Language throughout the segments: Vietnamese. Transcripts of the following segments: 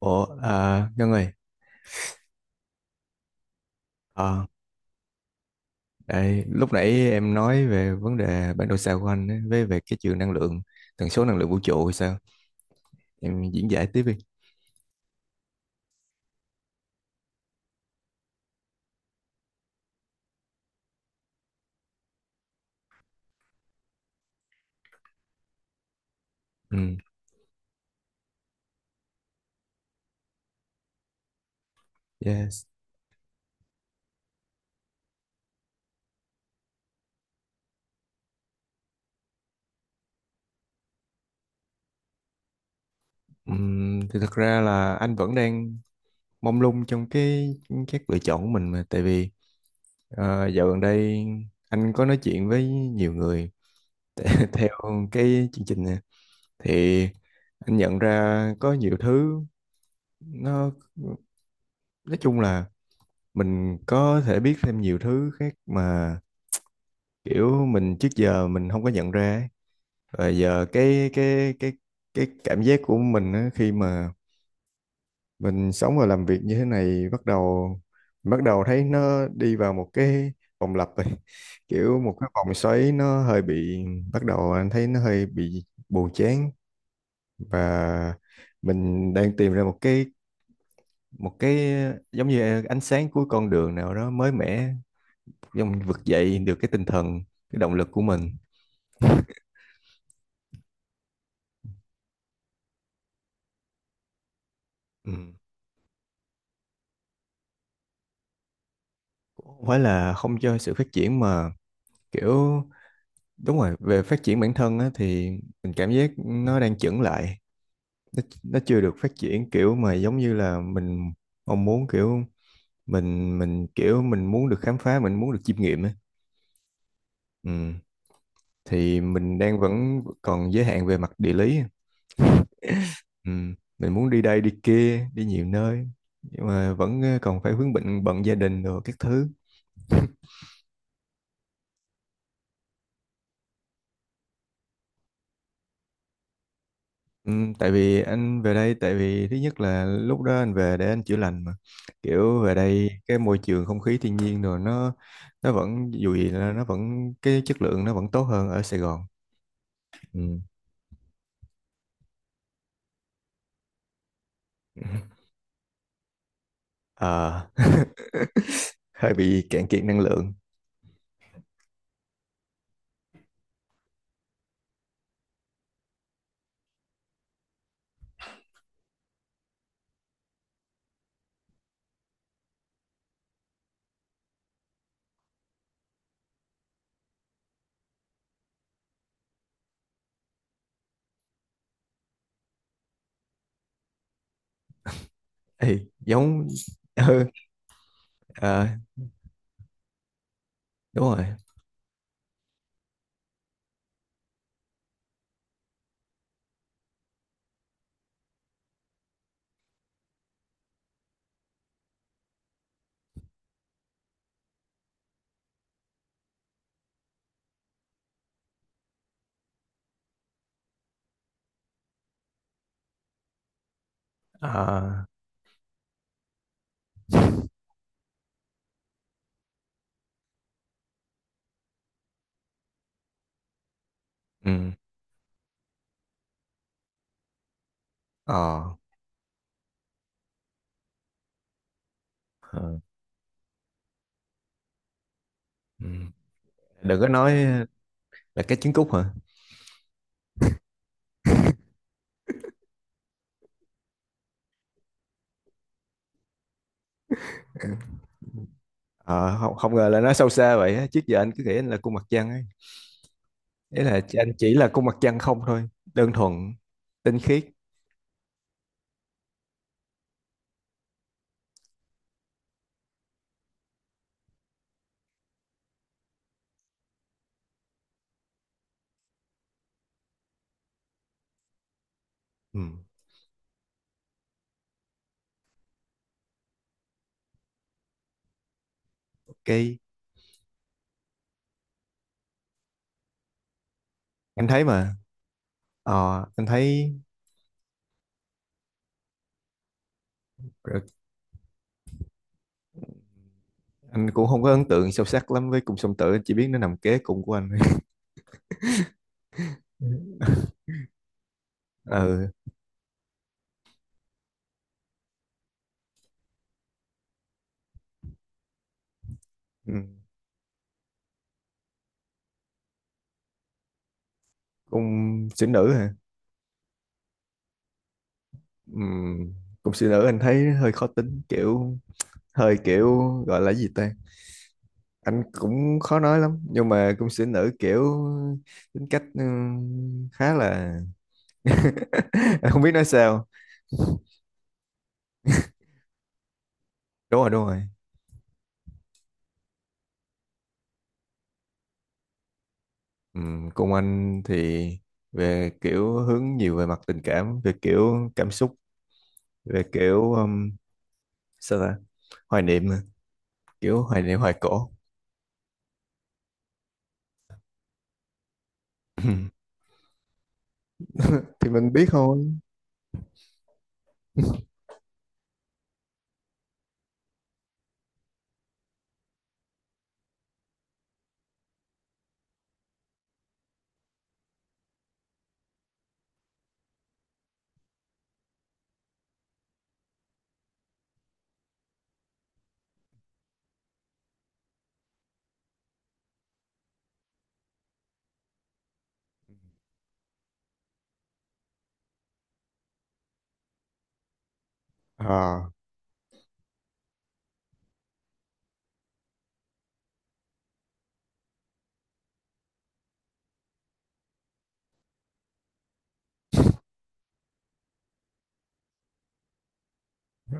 Ủa, à, Ngân ơi, ờ, đây, lúc nãy em nói về vấn đề bản đồ sao của anh ấy, với về cái trường năng lượng, tần số năng lượng vũ trụ hay sao? Em diễn giải tiếp đi. Ừ, yes. Thì thật ra là anh vẫn đang mông lung trong các lựa chọn của mình mà, tại vì dạo gần đây anh có nói chuyện với nhiều người theo cái chương trình này, thì anh nhận ra có nhiều thứ nó nói chung là mình có thể biết thêm nhiều thứ khác mà kiểu mình trước giờ mình không có nhận ra ấy. Và giờ cái cảm giác của mình á, khi mà mình sống và làm việc như thế này bắt đầu thấy nó đi vào một cái vòng lặp rồi, kiểu một cái vòng xoáy nó hơi bị bắt đầu anh thấy nó hơi bị buồn chán, và mình đang tìm ra một cái giống như ánh sáng cuối con đường nào đó mới mẻ. Xong mình vực dậy được cái tinh thần, cái động lực của mình. Ừ. Cũng không phải là không cho sự phát triển mà kiểu đúng rồi, về phát triển bản thân á, thì mình cảm giác nó đang chững lại. Nó chưa được phát triển kiểu mà giống như là mình mong muốn, kiểu mình muốn được khám phá, mình muốn được chiêm nghiệm á. Ừ. Thì mình đang vẫn còn giới hạn về mặt địa lý. Ừ. Mình muốn đi đây đi kia, đi nhiều nơi nhưng mà vẫn còn phải vướng bận bận gia đình rồi các thứ. Ừ, tại vì anh về đây, tại vì thứ nhất là lúc đó anh về để anh chữa lành mà, kiểu về đây cái môi trường không khí thiên nhiên rồi nó vẫn dù gì là nó vẫn cái chất lượng nó vẫn tốt hơn ở Sài Gòn, ừ. Ờ, hơi bị cạn kiệt năng lượng. Ê, giống ừ, ờ, đúng rồi. Ờ, ừ, ờ, ờ, ừ. Đừng có nói là cái trứng cút hả? Ờ, không không ngờ là nó sâu xa vậy á. Trước giờ anh cứ nghĩ anh là cung mặt trăng. Ý là anh chỉ là con mặt trăng không thôi, đơn thuần, tinh khiết. Ừ, ok. Anh thấy mà, ờ, anh thấy rồi, anh cũng không có ấn tượng sâu sắc lắm với cung song tử, anh chỉ biết nó nằm kế cùng của anh. Ừ, ờ, ừ. Cung sĩ nữ hả? Ừ. Cung sĩ nữ anh thấy hơi khó tính, kiểu hơi kiểu gọi là gì ta? Anh cũng khó nói lắm, nhưng mà cung sĩ nữ kiểu tính cách khá là anh không biết nói sao. Đúng rồi, đúng rồi. Công anh thì về kiểu hướng nhiều về mặt tình cảm, về kiểu cảm xúc, về kiểu sao ta, hoài niệm, à, kiểu hoài niệm hoài cổ. Thì mình biết thôi. Ờ,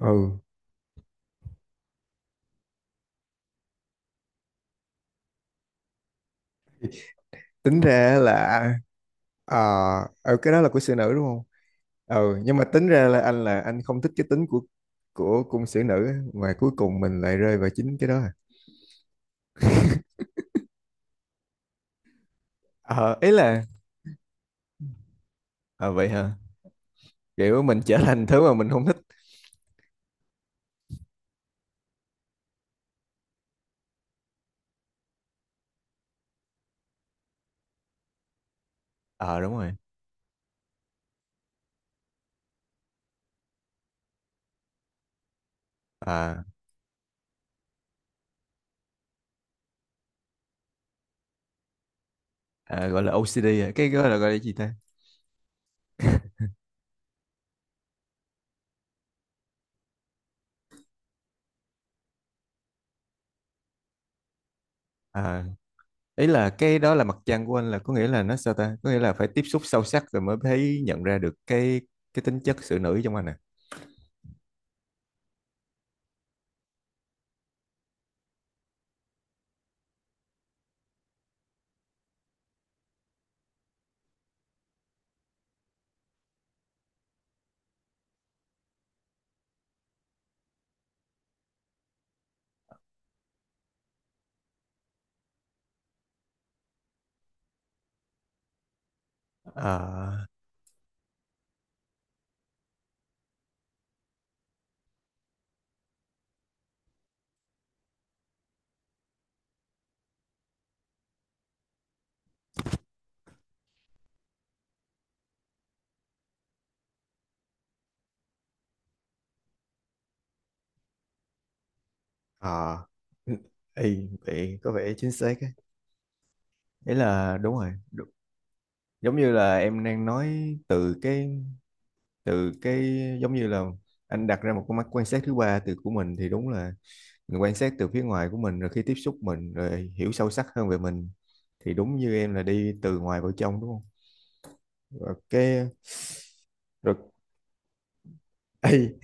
ừ, tính ra là ờ, ừ, cái đó là của sĩ nữ đúng không? Ừ, nhưng mà tính ra là anh không thích cái tính của cung sĩ nữ á, mà cuối cùng mình lại rơi vào chính cái đó à? Ờ, ý là ờ, vậy hả? Kiểu mình trở thành thứ mà mình không thích. Ờ đúng rồi. à À, gọi là OCD à? Cái gọi là gì ta? À, ý là cái đó là mặt trăng của anh là có nghĩa là nó sao ta, có nghĩa là phải tiếp xúc sâu sắc rồi mới thấy nhận ra được cái tính chất sự nữ trong anh à? À, à. Ê, vậy có vẻ chính xác ấy. Ý là đúng rồi đúng. Giống như là em đang nói từ cái từ cái giống như là anh đặt ra một con mắt quan sát thứ ba từ của mình, thì đúng là mình quan sát từ phía ngoài của mình rồi khi tiếp xúc mình rồi hiểu sâu sắc hơn về mình, thì đúng như em là đi từ ngoài vào trong đúng không? Rồi cái rồi ấy,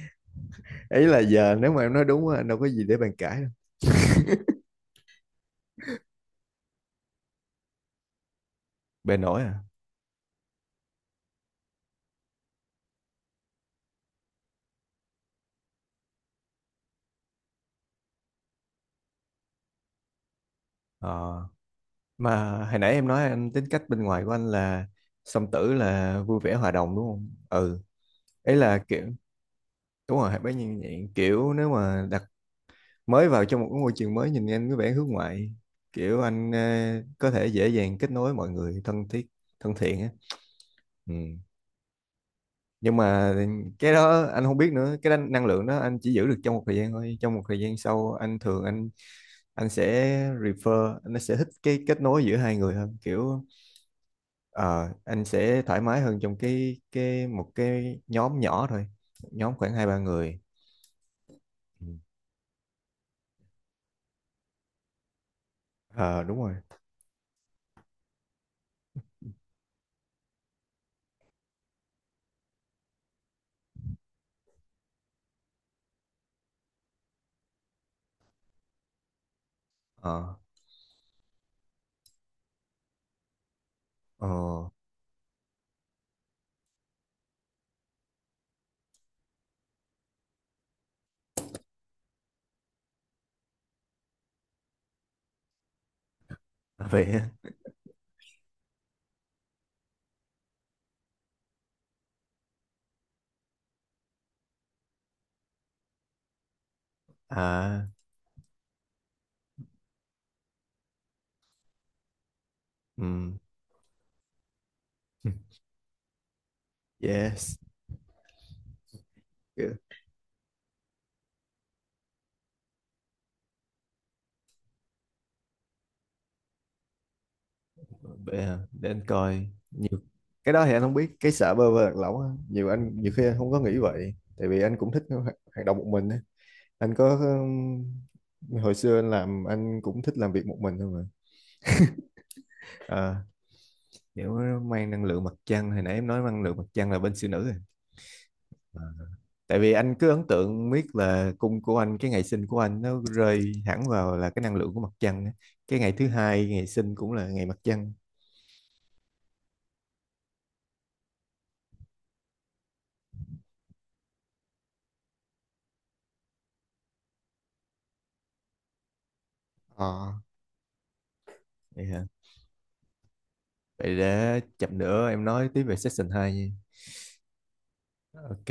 ấy là giờ nếu mà em nói đúng á, anh đâu có gì để bàn cãi đâu. Bề nổi à? Ờ, mà hồi nãy em nói anh tính cách bên ngoài của anh là song tử là vui vẻ hòa đồng đúng không ừ, ấy là kiểu đúng rồi bấy nhiêu vậy, kiểu nếu mà đặt mới vào trong một cái môi trường mới nhìn anh có vẻ hướng ngoại, kiểu anh có thể dễ dàng kết nối mọi người thân thiết, thân thiện á. Ừ. Nhưng mà cái đó anh không biết nữa, cái năng năng lượng đó anh chỉ giữ được trong một thời gian thôi, trong một thời gian sau anh thường anh sẽ refer, anh sẽ thích cái kết nối giữa hai người hơn, kiểu ờ, anh sẽ thoải mái hơn trong cái một cái nhóm nhỏ thôi, nhóm khoảng hai ba người. Ừ. Ờ đúng rồi. Ờ, ờ, vậy á. À, ừ. Yes. Vậy hả? Để anh coi nhiều. Cái đó thì anh không biết, cái sợ bơ vơ lạc lõng á nhiều, anh nhiều khi anh không có nghĩ vậy tại vì anh cũng thích hoạt hoạt động một mình á. Anh có hồi xưa anh làm anh cũng thích làm việc một mình thôi mà. À, kiểu mang năng lượng mặt trăng, hồi nãy em nói năng lượng mặt trăng là bên siêu nữ rồi. À. Tại vì anh cứ ấn tượng biết là cung của anh, cái ngày sinh của anh nó rơi hẳn vào là cái năng lượng của mặt trăng á. Cái ngày thứ hai ngày sinh cũng là ngày mặt trăng. Ờ. Vậy hả? Vậy để chậm nữa em nói tiếp về session 2 nha. Ok.